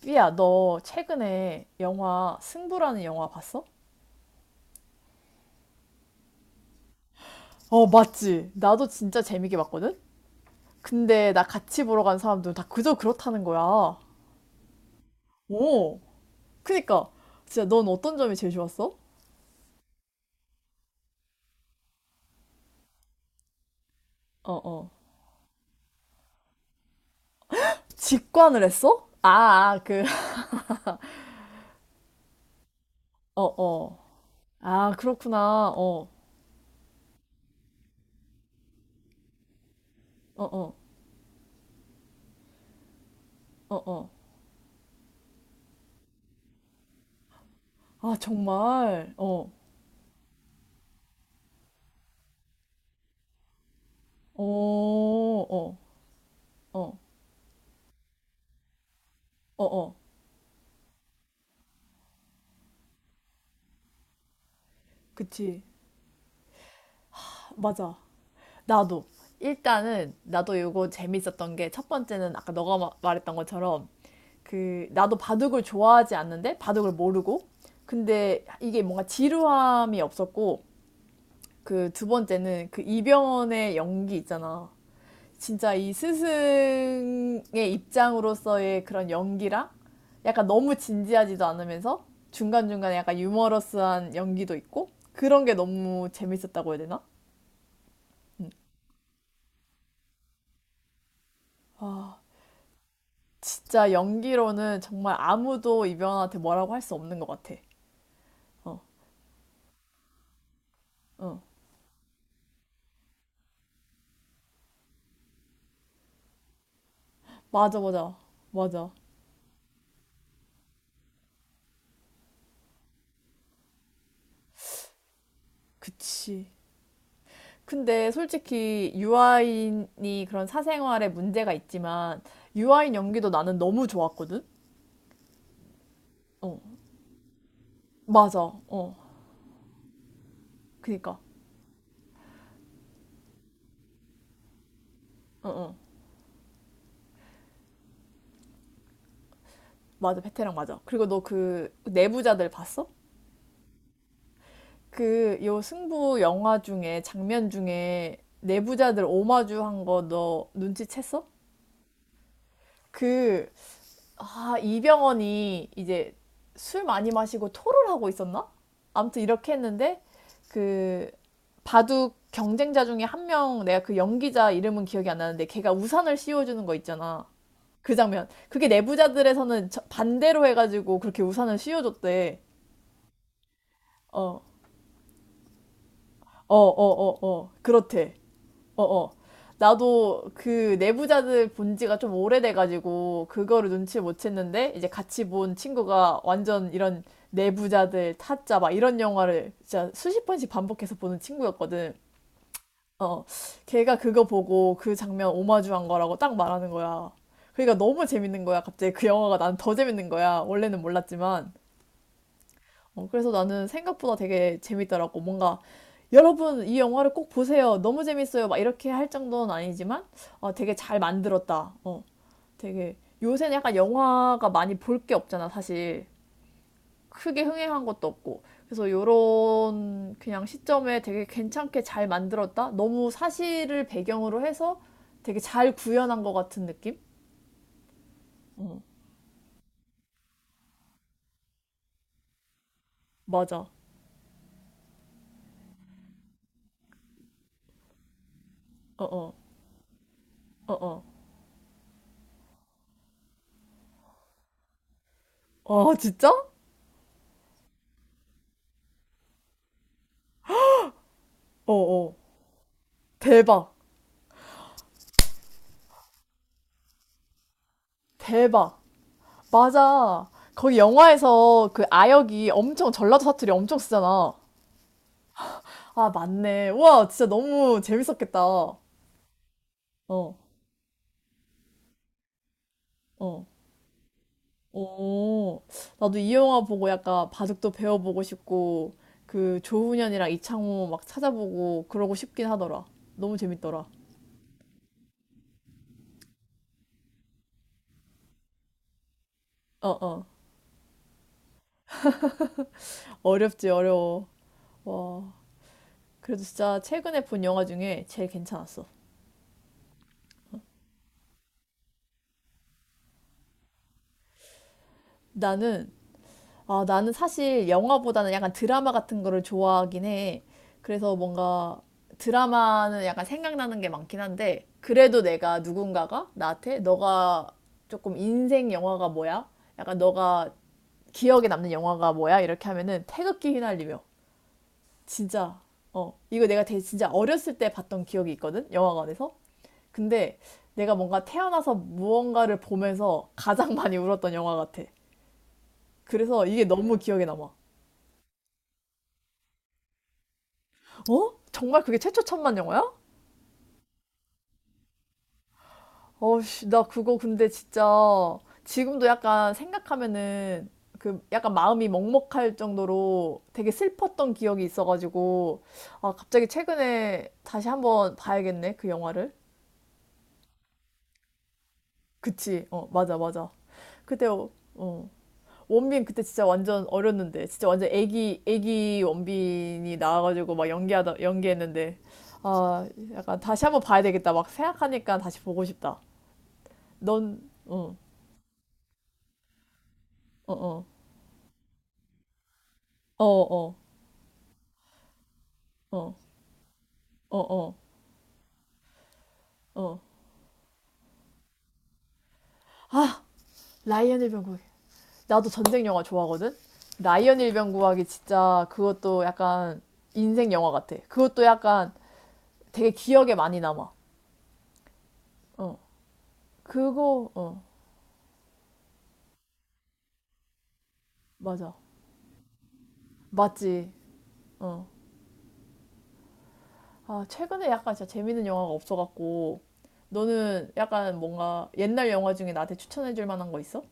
삐야, 너 최근에 영화 승부라는 영화 봤어? 어, 맞지. 나도 진짜 재밌게 봤거든? 근데 나 같이 보러 간 사람들은 다 그저 그렇다는 거야. 오, 그니까. 진짜 넌 어떤 점이 제일 좋았어? 어, 어. 직관을 했어? 아, 아, 그, 어, 어. 아, 그렇구나. 어, 어, 어, 어, 어. 아, 정말. 어, 어, 어, 어, 어, 어. 그치. 맞아. 나도 일단은 나도 이거 재밌었던 게 첫 번째는 아까 너가 말했던 것처럼 그 나도 바둑을 좋아하지 않는데 바둑을 모르고 근데 이게 뭔가 지루함이 없었고 그 두 번째는 그 이병헌의 연기 있잖아. 진짜 이 스승의 입장으로서의 그런 연기랑 약간 너무 진지하지도 않으면서 중간중간에 약간 유머러스한 연기도 있고 그런 게 너무 재밌었다고 해야 되나? 와, 진짜 연기로는 정말 아무도 이병헌한테 뭐라고 할 수 없는 것 같아. 어, 어. 맞아, 맞아, 맞아. 그치. 근데 솔직히 유아인이 그런 사생활에 문제가 있지만 유아인 연기도 나는 너무 좋았거든? 어, 맞아. 어, 그니까. 어, 어. 맞아, 베테랑 맞아. 그리고 너 그 내부자들 봤어? 그 요 승부 영화 중에 장면 중에 내부자들 오마주 한 거 너 눈치챘어? 그 아, 이병헌이 이제 술 많이 마시고 토를 하고 있었나? 아무튼 이렇게 했는데 그 바둑 경쟁자 중에 한 명 내가 그 연기자 이름은 기억이 안 나는데 걔가 우산을 씌워주는 거 있잖아. 그 장면. 그게 내부자들에서는 반대로 해가지고 그렇게 우산을 씌워줬대. 어, 어, 어, 어, 어. 그렇대. 어어. 나도 그 내부자들 본 지가 좀 오래돼가지고 그거를 눈치 못 챘는데 이제 같이 본 친구가 완전 이런 내부자들 타짜 막 이런 영화를 진짜 수십 번씩 반복해서 보는 친구였거든. 어. 걔가 그거 보고 그 장면 오마주한 거라고 딱 말하는 거야. 그러니까 너무 재밌는 거야. 갑자기 그 영화가 난 더 재밌는 거야. 원래는 몰랐지만. 어, 그래서 나는 생각보다 되게 재밌더라고. 뭔가 여러분 이 영화를 꼭 보세요. 너무 재밌어요. 막 이렇게 할 정도는 아니지만 어, 되게 잘 만들었다. 어, 되게 요새는 약간 영화가 많이 볼 게 없잖아, 사실. 크게 흥행한 것도 없고. 그래서 요런 그냥 시점에 되게 괜찮게 잘 만들었다. 너무 사실을 배경으로 해서 되게 잘 구현한 것 같은 느낌? 맞아. 어어. 어어. 아, 진짜? 어어. 대박. 대박. 맞아. 거기 영화에서 그 아역이 엄청 전라도 사투리 엄청 쓰잖아. 아, 맞네. 우와, 진짜 너무 재밌었겠다. 어, 어. 오, 나도 이 영화 보고 약간 바둑도 배워보고 싶고, 그 조훈현이랑 이창호 막 찾아보고 그러고 싶긴 하더라. 너무 재밌더라. 어, 어. 어렵지, 어려워. 와. 그래도 진짜 최근에 본 영화 중에 제일 괜찮았어. 나는 아, 나는 사실 영화보다는 약간 드라마 같은 거를 좋아하긴 해. 그래서 뭔가 드라마는 약간 생각나는 게 많긴 한데, 그래도 내가 누군가가 나한테 너가 조금 인생 영화가 뭐야? 약간 너가 기억에 남는 영화가 뭐야? 이렇게 하면은 태극기 휘날리며. 진짜. 어, 이거 내가 되게 진짜 어렸을 때 봤던 기억이 있거든? 영화관에서. 근데 내가 뭔가 태어나서 무언가를 보면서 가장 많이 울었던 영화 같아. 그래서 이게 너무 기억에 남아. 어? 정말 그게 최초 천만 영화야? 어씨, 나 그거 근데 진짜 지금도 약간 생각하면은 그 약간 마음이 먹먹할 정도로 되게 슬펐던 기억이 있어가지고 아, 갑자기 최근에 다시 한번 봐야겠네 그 영화를. 그치? 어, 맞아, 맞아. 그때 어, 어. 원빈 그때 진짜 완전 어렸는데 진짜 완전 애기 애기 원빈이 나와가지고 막 연기하다 연기했는데 아, 약간 다시 한번 봐야 되겠다 막 생각하니까 다시 보고 싶다. 넌, 어, 어, 어, 어, 어, 어, 어, 어, 어. 아, 라이언 일병구하기. 나도 전쟁 영화 좋아하거든? 라이언 일병구하기 진짜 그것도 약간 인생 영화 같아. 그것도 약간 되게 기억에 많이 남아. 어, 그거, 어, 맞아. 맞지. 어. 아, 최근에 약간 진짜 재밌는 영화가 없어갖고, 너는 약간 뭔가 옛날 영화 중에 나한테 추천해줄 만한 거 있어?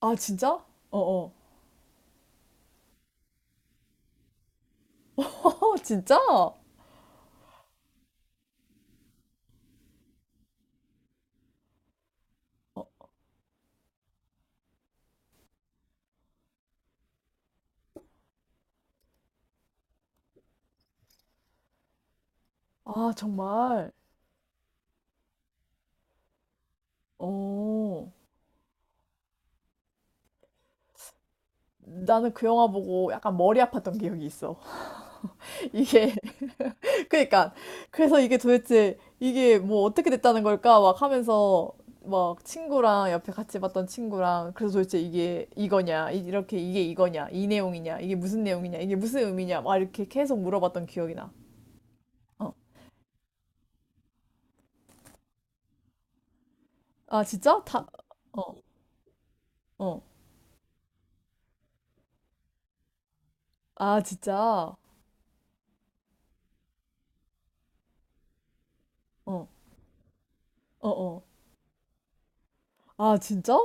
아, 진짜? 어, 어. 어, 진짜? 아, 정말. 어. 나는 그 영화 보고 약간 머리 아팠던 기억이 있어. 이게 그러니까 그래서 이게 도대체 이게 뭐 어떻게 됐다는 걸까 막 하면서 막 친구랑 옆에 같이 봤던 친구랑 그래서 도대체 이게 이거냐 이렇게 이게 이거냐 이 내용이냐 이게 무슨 내용이냐 이게 무슨 의미냐 막 이렇게 계속 물어봤던 기억이 나. 어. 아, 진짜? 다 어. 어. 아, 진짜? 어. 어, 어. 아, 진짜?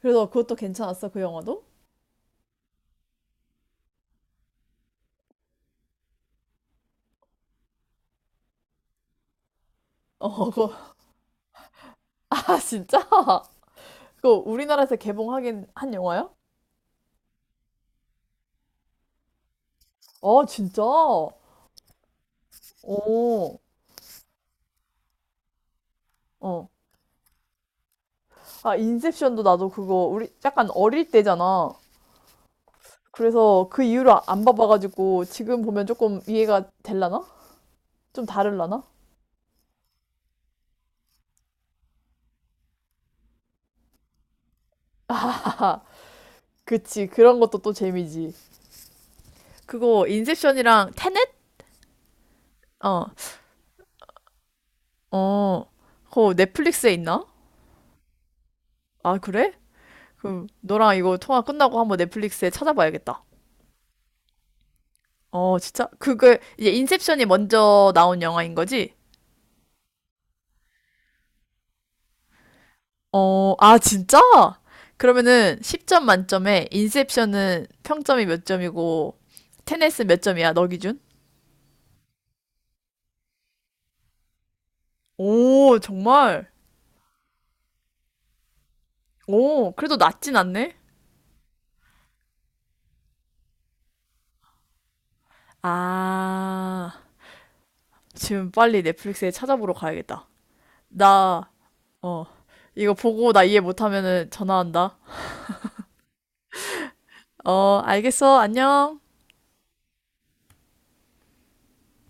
그래서 그것도 괜찮았어 그 영화도? 어, 그거. 아, 진짜? 그거 우리나라에서 개봉하긴 한 영화야? 아, 진짜? 오, 어. 아, 인셉션도 나도 그거 우리 약간 어릴 때잖아. 그래서 그 이후로 안 봐봐가지고 지금 보면 조금 이해가 될라나? 좀 다를라나? 하하, 그치. 그런 것도 또 재미지. 그거 인셉션이랑 테넷? 어, 어. 그거 넷플릭스에 있나? 아, 그래? 그럼 너랑 이거 통화 끝나고 한번 넷플릭스에 찾아봐야겠다. 어, 진짜? 그게 이제 인셉션이 먼저 나온 영화인 거지? 어, 아, 진짜? 그러면은 10점 만점에 인셉션은 평점이 몇 점이고 테넷은 몇 점이야, 너 기준? 오, 정말? 오, 그래도 낮진 않네? 아, 지금 빨리 넷플릭스에 찾아보러 가야겠다. 나, 어, 이거 보고 나 이해 못하면은 전화한다. 어, 알겠어. 안녕.